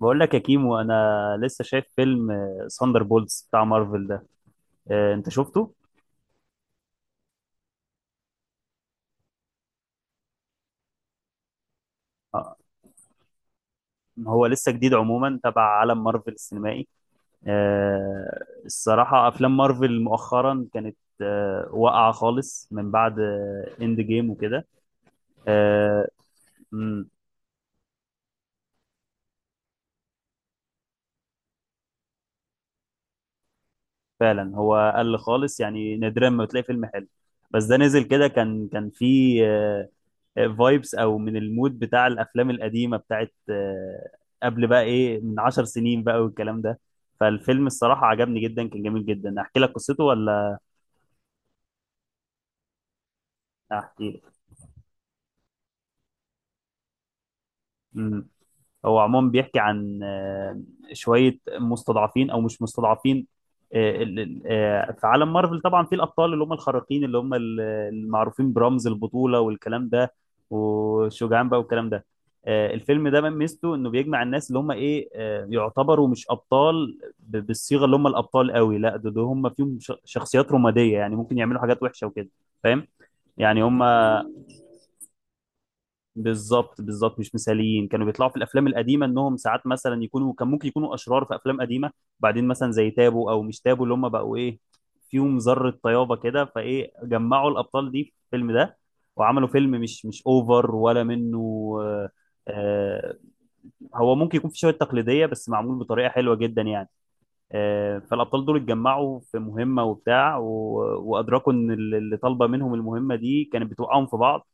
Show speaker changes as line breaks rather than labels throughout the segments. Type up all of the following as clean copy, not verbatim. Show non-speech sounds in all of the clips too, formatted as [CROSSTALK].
بقول لك يا كيمو انا لسه شايف فيلم ساندر بولز بتاع مارفل ده. انت شفته؟ آه، هو لسه جديد عموما تبع عالم مارفل السينمائي. الصراحة افلام مارفل مؤخرا كانت واقعة خالص من بعد اند جيم وكده. آه، مم، فعلا هو قل خالص، يعني نادرا ما بتلاقي فيلم حلو. بس ده نزل كده، كان فيه فايبس او من المود بتاع الافلام القديمه بتاعت، قبل بقى ايه، من 10 سنين بقى والكلام ده. فالفيلم الصراحه عجبني جدا، كان جميل جدا. احكي لك قصته ولا؟ احكي لك. هو عموما بيحكي عن شوية مستضعفين أو مش مستضعفين. في عالم مارفل طبعا في الأبطال اللي هم الخارقين اللي هم المعروفين برمز البطولة والكلام ده والشجعان بقى والكلام ده. الفيلم ده من ميزته إنه بيجمع الناس اللي هم إيه، يعتبروا مش أبطال بالصيغة اللي هم الأبطال قوي، لا ده هم فيهم شخصيات رمادية، يعني ممكن يعملوا حاجات وحشة وكده. فاهم، يعني هم بالظبط بالظبط. مش مثاليين، كانوا بيطلعوا في الافلام القديمه انهم ساعات مثلا يكونوا، كان ممكن يكونوا اشرار في افلام قديمه. بعدين مثلا زي تابو او مش تابو اللي هم بقوا ايه، فيهم ذره طيابه كده، فايه جمعوا الابطال دي في الفيلم ده وعملوا فيلم مش اوفر ولا منه. آه. آه، هو ممكن يكون في شويه تقليديه بس معمول بطريقه حلوه جدا يعني. آه، فالابطال دول اتجمعوا في مهمه وبتاع وادركوا ان اللي طالبه منهم المهمه دي كانت بتوقعهم في بعض.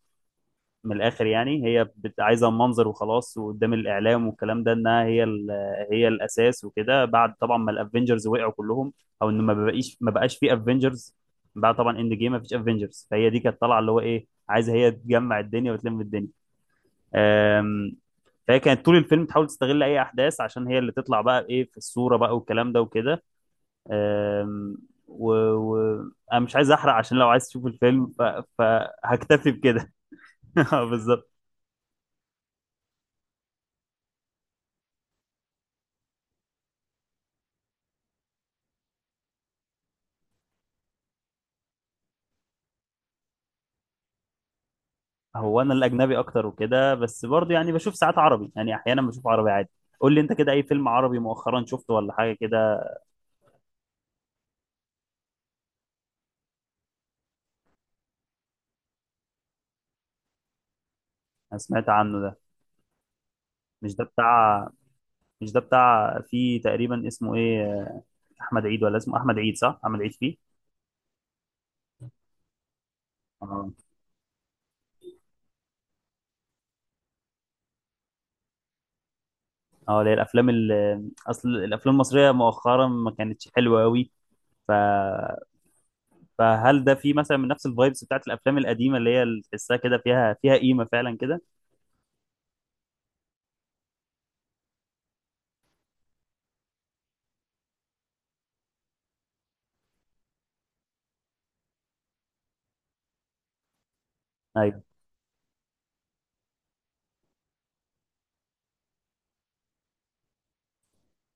من الاخر يعني، هي عايزه منظر وخلاص، وقدام الاعلام والكلام ده انها هي هي الاساس وكده، بعد طبعا ما الافنجرز وقعوا كلهم، او ان ما بقاش في افنجرز. بعد طبعا اند جيم ما فيش افنجرز، فهي دي كانت طالعه اللي هو ايه، عايزه هي تجمع الدنيا وتلم الدنيا. أم، فهي كانت طول الفيلم تحاول تستغل اي احداث عشان هي اللي تطلع بقى ايه في الصوره بقى والكلام ده وكده. أم، و... و... انا مش عايز احرق، عشان لو عايز تشوف الفيلم فهكتفي بكده. [LAUGHS] بالظبط. هو انا الاجنبي اكتر وكده، بس برضه يعني بشوف ساعات عربي، يعني احيانا بشوف عربي عادي. قول لي انت كده اي فيلم عربي مؤخرا شفته ولا حاجه كده؟ انا سمعت عنه ده. مش ده بتاع مش ده بتاع فيه تقريبا اسمه ايه، احمد عيد؟ ولا اسمه احمد عيد، صح، احمد عيد فيه. اه. اه، اللي هي الافلام اصل الافلام المصريه مؤخرا ما كانتش حلوه قوي. ف... فهل ده فيه مثلا من نفس الفايبس بتاعت الافلام القديمه، اللي هي اللي تحسها كده فيها، فيها قيمه فعلا كده؟ ايوه.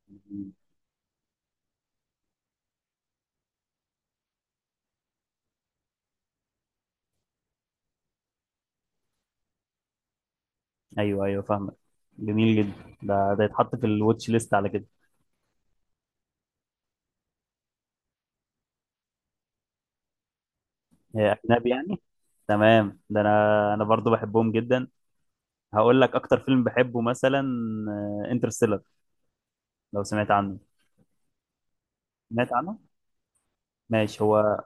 [LAUGHS] ايوه ايوه فاهمك. جميل جدا، ده يتحط في الواتش ليست على كده. هي اجنبي يعني؟ تمام، ده انا برضو بحبهم جدا. هقول لك اكتر فيلم بحبه مثلا، انترستيلر. لو سمعت عنه. سمعت عنه؟ ماشي. هو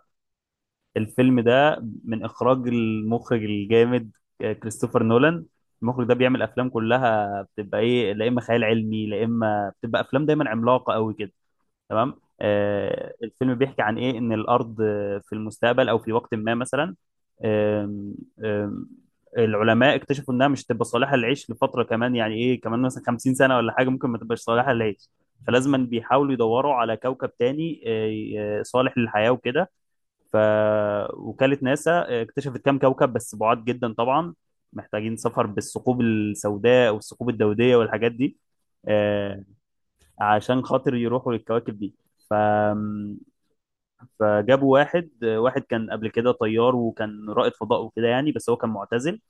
الفيلم ده من اخراج المخرج الجامد كريستوفر نولان. المخرج ده بيعمل افلام كلها بتبقى ايه، لا اما خيال علمي لا اما بتبقى افلام دايما عملاقه قوي كده. تمام. الفيلم بيحكي عن ايه، ان الارض في المستقبل او في وقت ما مثلا، آم، آم، العلماء اكتشفوا انها مش هتبقى صالحه للعيش لفتره، كمان يعني ايه كمان مثلا 50 سنه ولا حاجه ممكن ما تبقاش صالحه للعيش. فلازما بيحاولوا يدوروا على كوكب تاني صالح للحياه وكده. فوكاله ناسا اكتشفت كام كوكب، بس بعاد جدا طبعا، محتاجين سفر بالثقوب السوداء والثقوب الدوديه والحاجات دي. آه، عشان خاطر يروحوا للكواكب دي. ف... فجابوا واحد واحد كان قبل كده طيار وكان رائد فضاء وكده يعني، بس هو كان معتزل.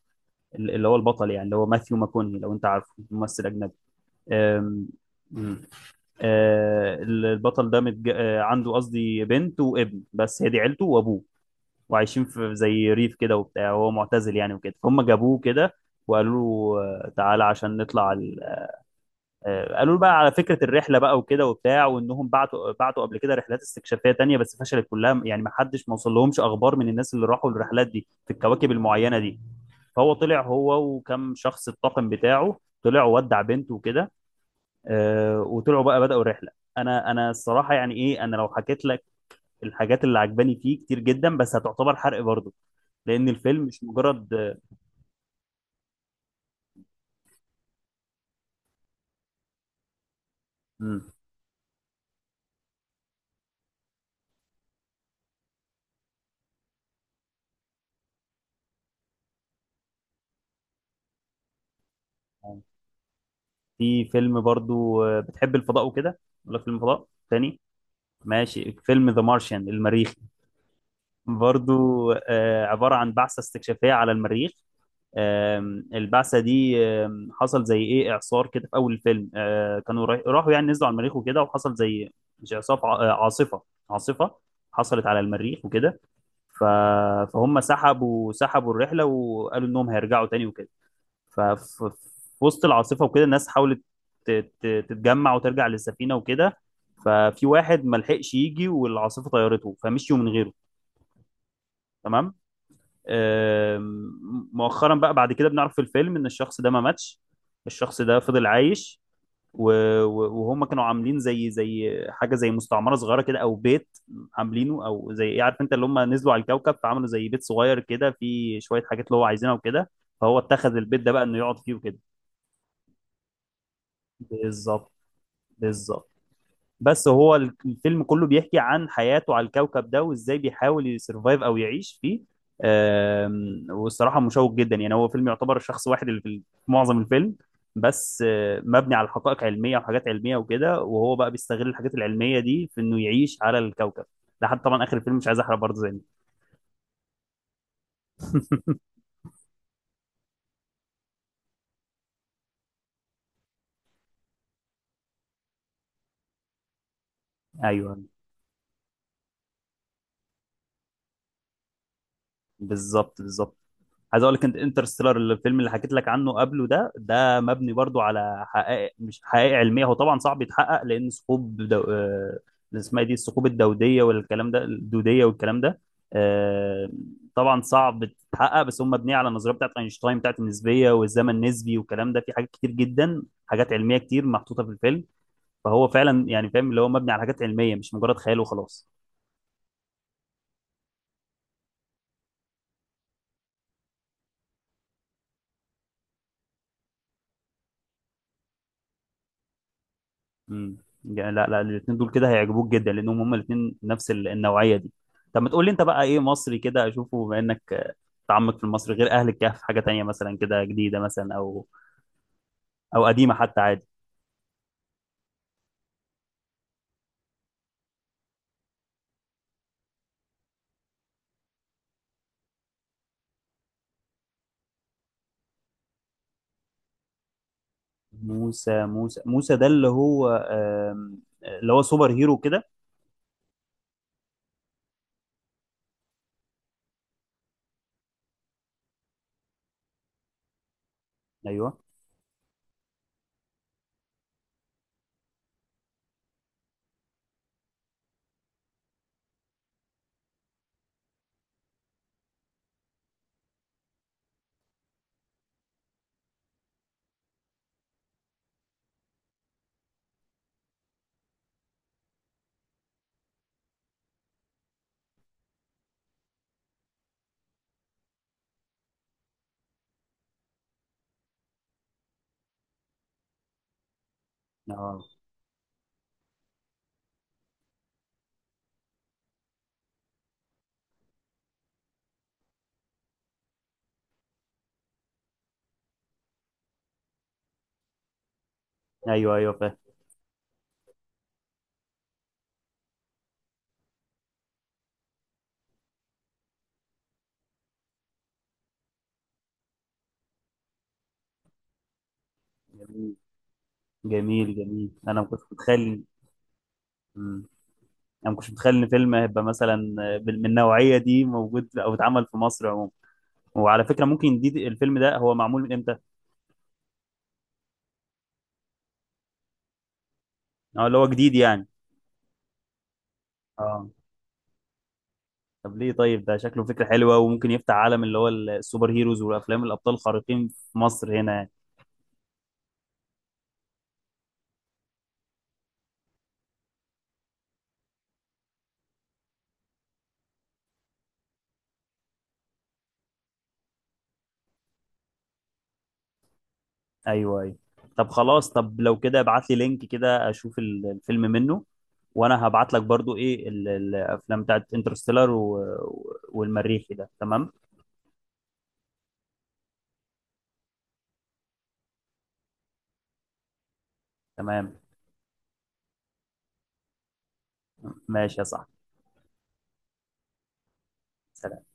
اللي هو البطل يعني، اللي هو ماثيو ماكوني، لو انت عارفه، ممثل اجنبي. أم... أم. آه، البطل ده متج... آه، عنده قصدي بنت وابن، بس هي دي عيلته وابوه. وعايشين في زي ريف كده وبتاع، وهو معتزل يعني وكده، فهم جابوه كده وقالوا له تعالى عشان نطلع. قالوا له بقى على فكره الرحله بقى وكده وبتاع، وانهم بعتوا قبل كده رحلات استكشافيه تانية بس فشلت كلها، يعني ما حدش ما وصل لهمش اخبار من الناس اللي راحوا الرحلات دي في الكواكب المعينه دي. فهو طلع هو وكم شخص الطاقم بتاعه طلعوا، ودع بنته وكده. وطلعوا بقى بداوا الرحله. انا الصراحه يعني ايه، انا لو حكيت لك الحاجات اللي عجباني فيه كتير جدا، بس هتعتبر حرق برضه لان الفيلم مش مجرد. مم. يعني في فيلم برضه بتحب الفضاء وكده ولا فيلم فضاء تاني؟ ماشي. فيلم ذا مارشيان، المريخي. برضو عبارة عن بعثة استكشافية على المريخ. البعثة دي حصل زي ايه، اعصار كده في اول الفيلم. كانوا راحوا يعني نزلوا على المريخ وكده وحصل زي، مش اعصار، عاصفة، عاصفة حصلت على المريخ وكده. ف- فهم سحبوا الرحلة وقالوا انهم هيرجعوا تاني وكده. ففي وسط العاصفة وكده الناس حاولت تتجمع وترجع للسفينة وكده. ففي واحد ما لحقش يجي، والعاصفة طيرته، فمشيوا من غيره. تمام. مؤخرا بقى بعد كده بنعرف في الفيلم ان الشخص ده ما ماتش، الشخص ده فضل عايش. وهم كانوا عاملين زي زي حاجة، زي مستعمرة صغيرة كده او بيت عاملينه، او زي ايه، عارف انت اللي هم نزلوا على الكوكب فعملوا زي بيت صغير كده فيه شوية حاجات اللي هو عايزينها وكده. فهو اتخذ البيت ده بقى انه يقعد فيه وكده. بالظبط بالظبط. بس هو الفيلم كله بيحكي عن حياته على الكوكب ده وازاي بيحاول يسرفايف او يعيش فيه. والصراحه مشوق جدا، يعني هو فيلم يعتبر شخص واحد اللي في في معظم الفيلم. بس مبني على حقائق علميه وحاجات علميه وكده، وهو بقى بيستغل الحاجات العلميه دي في انه يعيش على الكوكب. لحد طبعا اخر الفيلم، مش عايز احرق برضه زي ما. ايوه. بالظبط بالظبط. عايز اقول لك انت انترستيلر، الفيلم اللي حكيت لك عنه قبله ده، ده مبني برضو على حقائق، مش حقائق علميه هو طبعا صعب يتحقق، لان ثقوب دو... آه، اللي اسمها إيه دي، الثقوب الدوديه والكلام ده، الدوديه والكلام ده. آه، طبعا صعب تتحقق، بس هم مبنيه على النظريه بتاعت اينشتاين بتاعت النسبيه والزمن النسبي والكلام ده. في حاجات كتير جدا، حاجات علميه كتير محطوطه في الفيلم، فهو فعلا يعني فاهم اللي هو مبني على حاجات علميه مش مجرد خيال وخلاص. امم. يعني لا لا الاثنين دول كده هيعجبوك جدا، لانهم هما الاثنين نفس النوعيه دي. طب ما تقول لي انت بقى ايه مصري كده اشوفه، بما انك متعمق في المصري، غير اهل الكهف حاجه تانية مثلا كده جديده مثلا او او قديمه حتى عادي. موسى، موسى موسى ده اللي هو اللي هو سوبر هيرو كده؟ ايوه. اه. ايوه ايوه فاهم. جميل جميل جميل. انا ما كنتش متخيل. مم. انا ما كنتش متخيل ان فيلم هيبقى مثلا من النوعيه دي موجود او اتعمل في مصر عموما. وعلى فكرة ممكن دي، الفيلم ده هو معمول من امتى؟ اه، اللي هو جديد يعني. اه. طب ليه، طيب ده شكله فكرة حلوة وممكن يفتح عالم اللي هو السوبر هيروز والافلام الابطال الخارقين في مصر هنا يعني. ايوه ايوه. طب خلاص، طب لو كده ابعت لي لينك كده اشوف الفيلم منه، وانا هبعت لك برضو ايه الافلام بتاعت انترستيلر والمريخي ده. تمام تمام. ماشي يا صاحبي، سلام.